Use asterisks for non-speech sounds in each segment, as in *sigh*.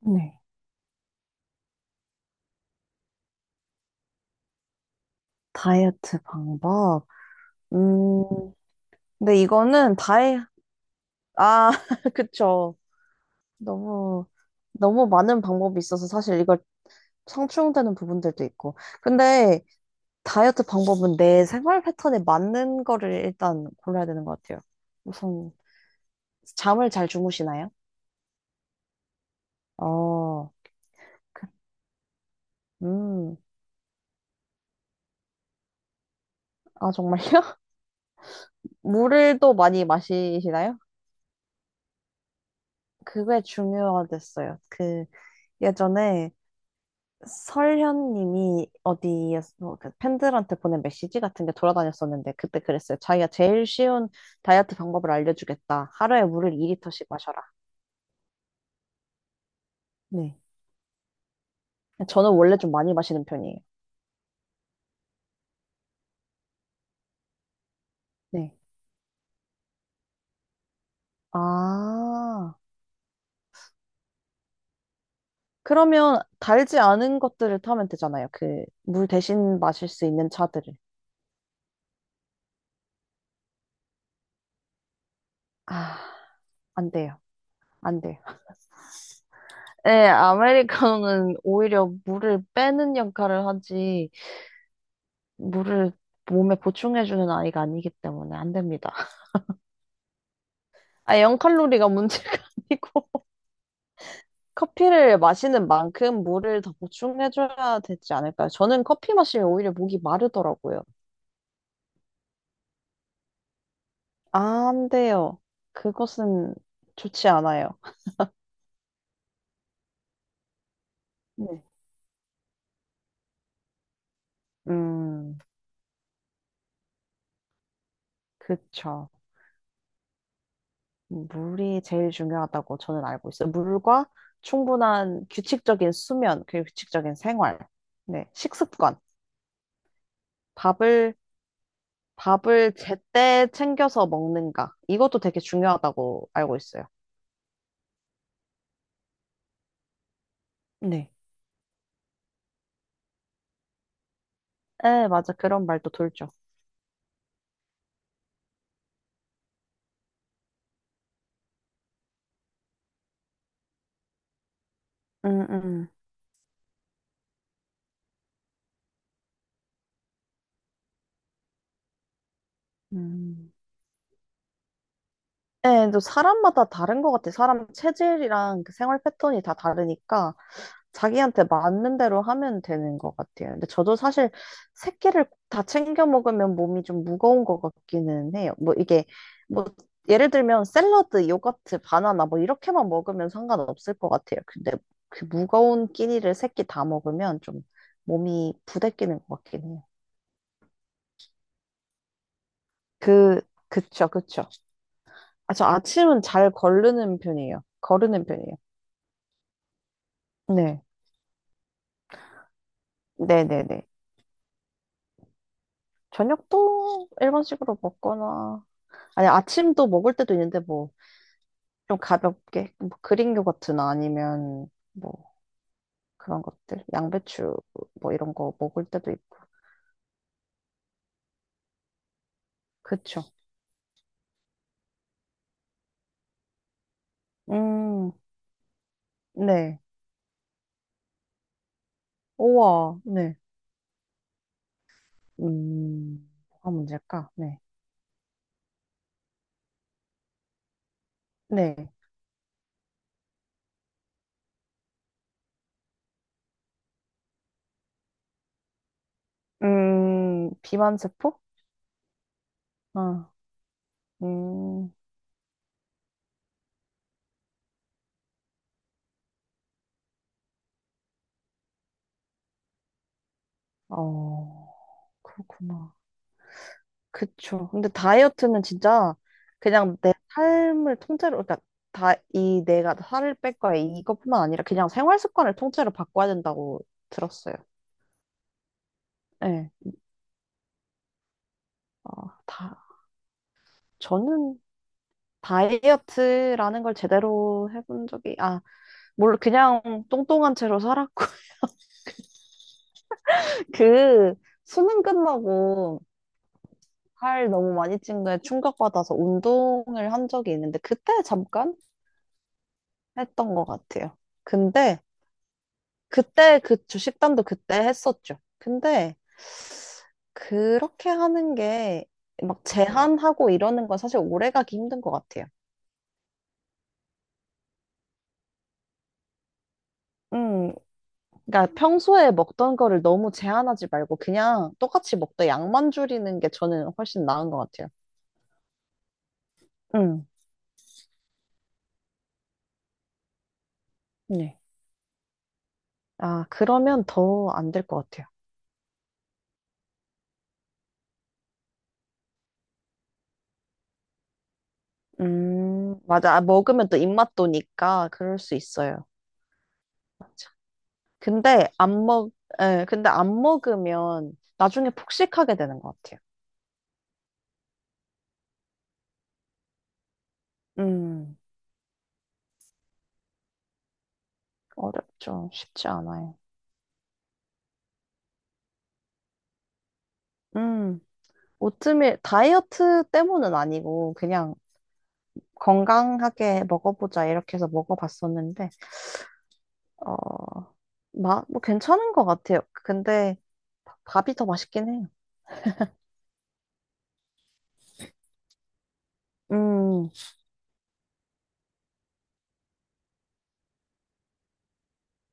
네. 다이어트 방법. 음, 근데 이거는 아, *laughs* 그쵸. 너무, 너무 많은 방법이 있어서 사실 이걸 상충되는 부분들도 있고. 근데 다이어트 방법은 내 생활 패턴에 맞는 거를 일단 골라야 되는 것 같아요. 우선, 잠을 잘 주무시나요? 어, 그- 음, 아, 정말요? *laughs* 물을 또 많이 마시시나요? 그게 중요하겠어요. 예전에 설현님이 어디에서 그 팬들한테 보낸 메시지 같은 게 돌아다녔었는데 그때 그랬어요. 자기가 제일 쉬운 다이어트 방법을 알려주겠다. 하루에 물을 2리터씩 마셔라. 네. 저는 원래 좀 많이 마시는 편이에요. 네. 아, 그러면 달지 않은 것들을 타면 되잖아요. 그 물 대신 마실 수 있는 차들을. 아, 안 돼요. 안 돼요. 네, 아메리카노는 오히려 물을 빼는 역할을 하지. 물을 몸에 보충해주는 아이가 아니기 때문에 안 됩니다. *laughs* 아, 0칼로리가 문제가 *laughs* 아니고 커피를 마시는 만큼 물을 더 보충해줘야 되지 않을까요? 저는 커피 마시면 오히려 목이 마르더라고요. 안 돼요. 그것은 좋지 않아요. 네. 음, 그쵸. 물이 제일 중요하다고 저는 알고 있어요. 물과 충분한 규칙적인 수면, 그리고 규칙적인 생활, 네, 식습관. 밥을 밥을 제때 챙겨서 먹는가. 이것도 되게 중요하다고 알고 있어요. 네. 에, 맞아. 그런 말도 돌죠. 음, 음. 음. 예, 또 사람마다 다른 것 같아. 사람 체질이랑 그 생활 패턴이 다 다르니까. 자기한테 맞는 대로 하면 되는 것 같아요. 근데 저도 사실 새끼를 다 챙겨 먹으면 몸이 좀 무거운 것 같기는 해요. 뭐 예를 들면 샐러드, 요거트, 바나나 뭐 이렇게만 먹으면 상관없을 것 같아요. 근데 그 무거운 끼니를 새끼 다 먹으면 좀 몸이 부대끼는 것 같긴 해요. 그 그쵸 그쵸. 아, 저 아침은 잘 거르는 편이에요. 거르는 편이에요. 네. 네네네. 저녁도 일반식으로 먹거나 아니, 아침도 먹을 때도 있는데, 뭐, 좀 가볍게, 뭐, 그린 요거트나 아니면, 뭐, 그런 것들, 양배추, 뭐, 이런 거 먹을 때도 있고. 그쵸. 음, 네. 우와, 네. 뭐가 문제일까? 네. 네. 비만세포? 아, 음, 어, 그렇구나. 그쵸. 근데 다이어트는 진짜 그냥 내 삶을 통째로, 그러니까 다, 이 내가 살을 뺄 거야. 이것뿐만 아니라 그냥 생활 습관을 통째로 바꿔야 된다고 들었어요. 네. 어, 다, 저는 다이어트라는 걸 제대로 해본 적이, 아, 뭘 그냥 뚱뚱한 채로 살았고, *laughs* 그 수능 끝나고 살 너무 많이 찐 거에 충격받아서 운동을 한 적이 있는데, 그때 잠깐 했던 것 같아요. 근데 그때 그 주식단도 그때 했었죠. 근데 그렇게 하는 게 막 제한하고 이러는 건 사실 오래 가기 힘든 것 같아요. 음, 그러니까 평소에 먹던 거를 너무 제한하지 말고 그냥 똑같이 먹되 양만 줄이는 게 저는 훨씬 나은 것 같아요. 음, 네. 아, 그러면 더 안 될 것 같아요. 맞아. 아, 먹으면 또 입맛 도니까 그럴 수 있어요. 맞아. 근데 안 먹, 예, 근데 안 먹으면 나중에 폭식하게 되는 것 같아요. 음. 어렵죠. 쉽지 않아요. 음, 오트밀 다이어트 때문은 아니고 그냥 건강하게 먹어보자 이렇게 해서 먹어봤었는데 어, 뭐 괜찮은 것 같아요. 근데 밥이 더 맛있긴 해요. 음,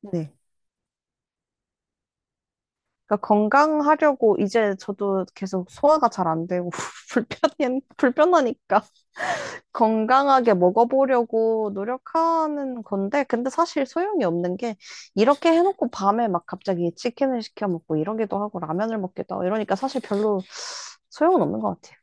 네. 그러니까 건강하려고 이제 저도 계속 소화가 잘 안 되고 *laughs* 불편해 불편하니까 건강하게 먹어보려고 노력하는 건데, 근데 사실 소용이 없는 게, 이렇게 해놓고 밤에 막 갑자기 치킨을 시켜 먹고 이러기도 하고 라면을 먹기도 하고 이러니까 사실 별로 소용은 없는 것 같아요.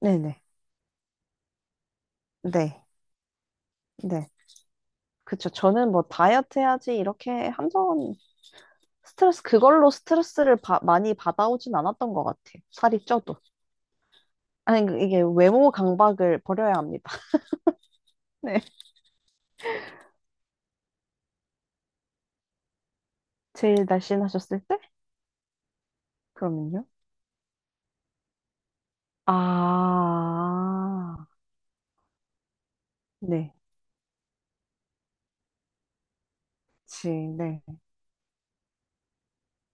네네. 네. 네. 그쵸. 저는 뭐 다이어트 해야지 이렇게 한 번 스트레스, 그걸로 스트레스를 많이 받아오진 않았던 것 같아요. 살이 쪄도. 아니, 그 이게 외모 강박을 버려야 합니다. *laughs* 네. 제일 날씬하셨을 때? 그러면요. 아, 네. 그치, 네.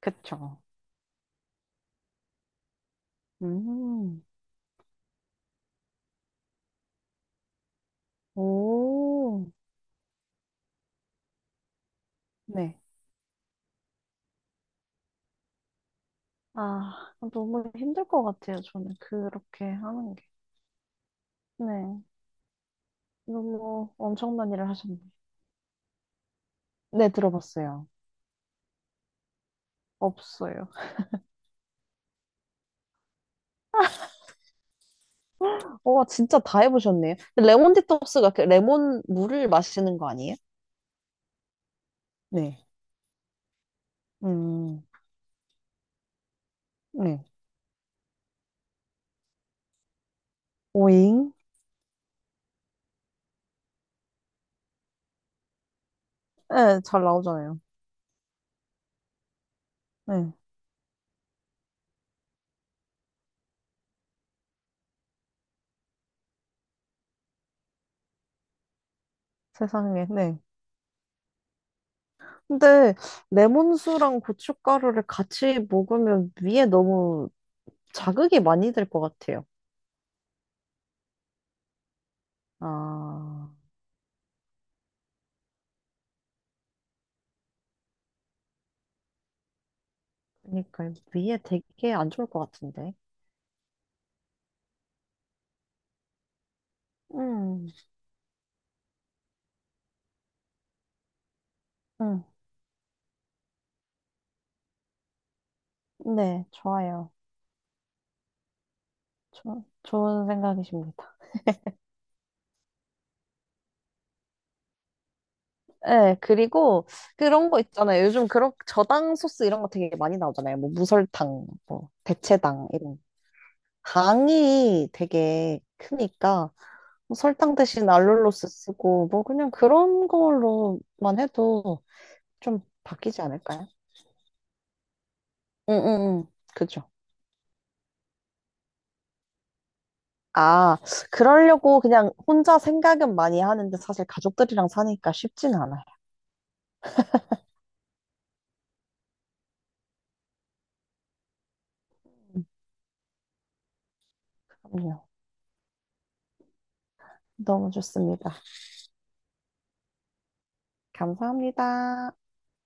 그쵸. 음, 오, 네. 아, 너무 힘들 것 같아요. 저는 그렇게 하는 게. 네. 너무 엄청난 일을 하셨네. 네, 들어봤어요. 없어요. 와, 진짜 다 해보셨네요. 근데 레몬 디톡스가 그 레몬 물을 마시는 거 아니에요? 네. 음, 네. 오잉? 네, 잘 나오잖아요. 네. 세상에, 네. 근데 레몬수랑 고춧가루를 같이 먹으면 위에 너무 자극이 많이 될 것 같아요. 아, 그러니까 위에 되게 안 좋을 것 같은데. 음, 음, 네, 좋아요. 좋은 생각이십니다. 네, 그리고 그런 거 있잖아요. 요즘 그런 저당 소스 이런 거 되게 많이 나오잖아요. 뭐 무설탕, 뭐 대체당 이런. 당이 되게 크니까 뭐 설탕 대신 알룰로스 쓰고 뭐 그냥 그런 걸로만 해도 좀 바뀌지 않을까요? 응, 응, 응. 그죠. 아, 그러려고 그냥 혼자 생각은 많이 하는데 사실 가족들이랑 사니까 쉽진 않아요. 음, 그럼요. 너무 좋습니다. 감사합니다.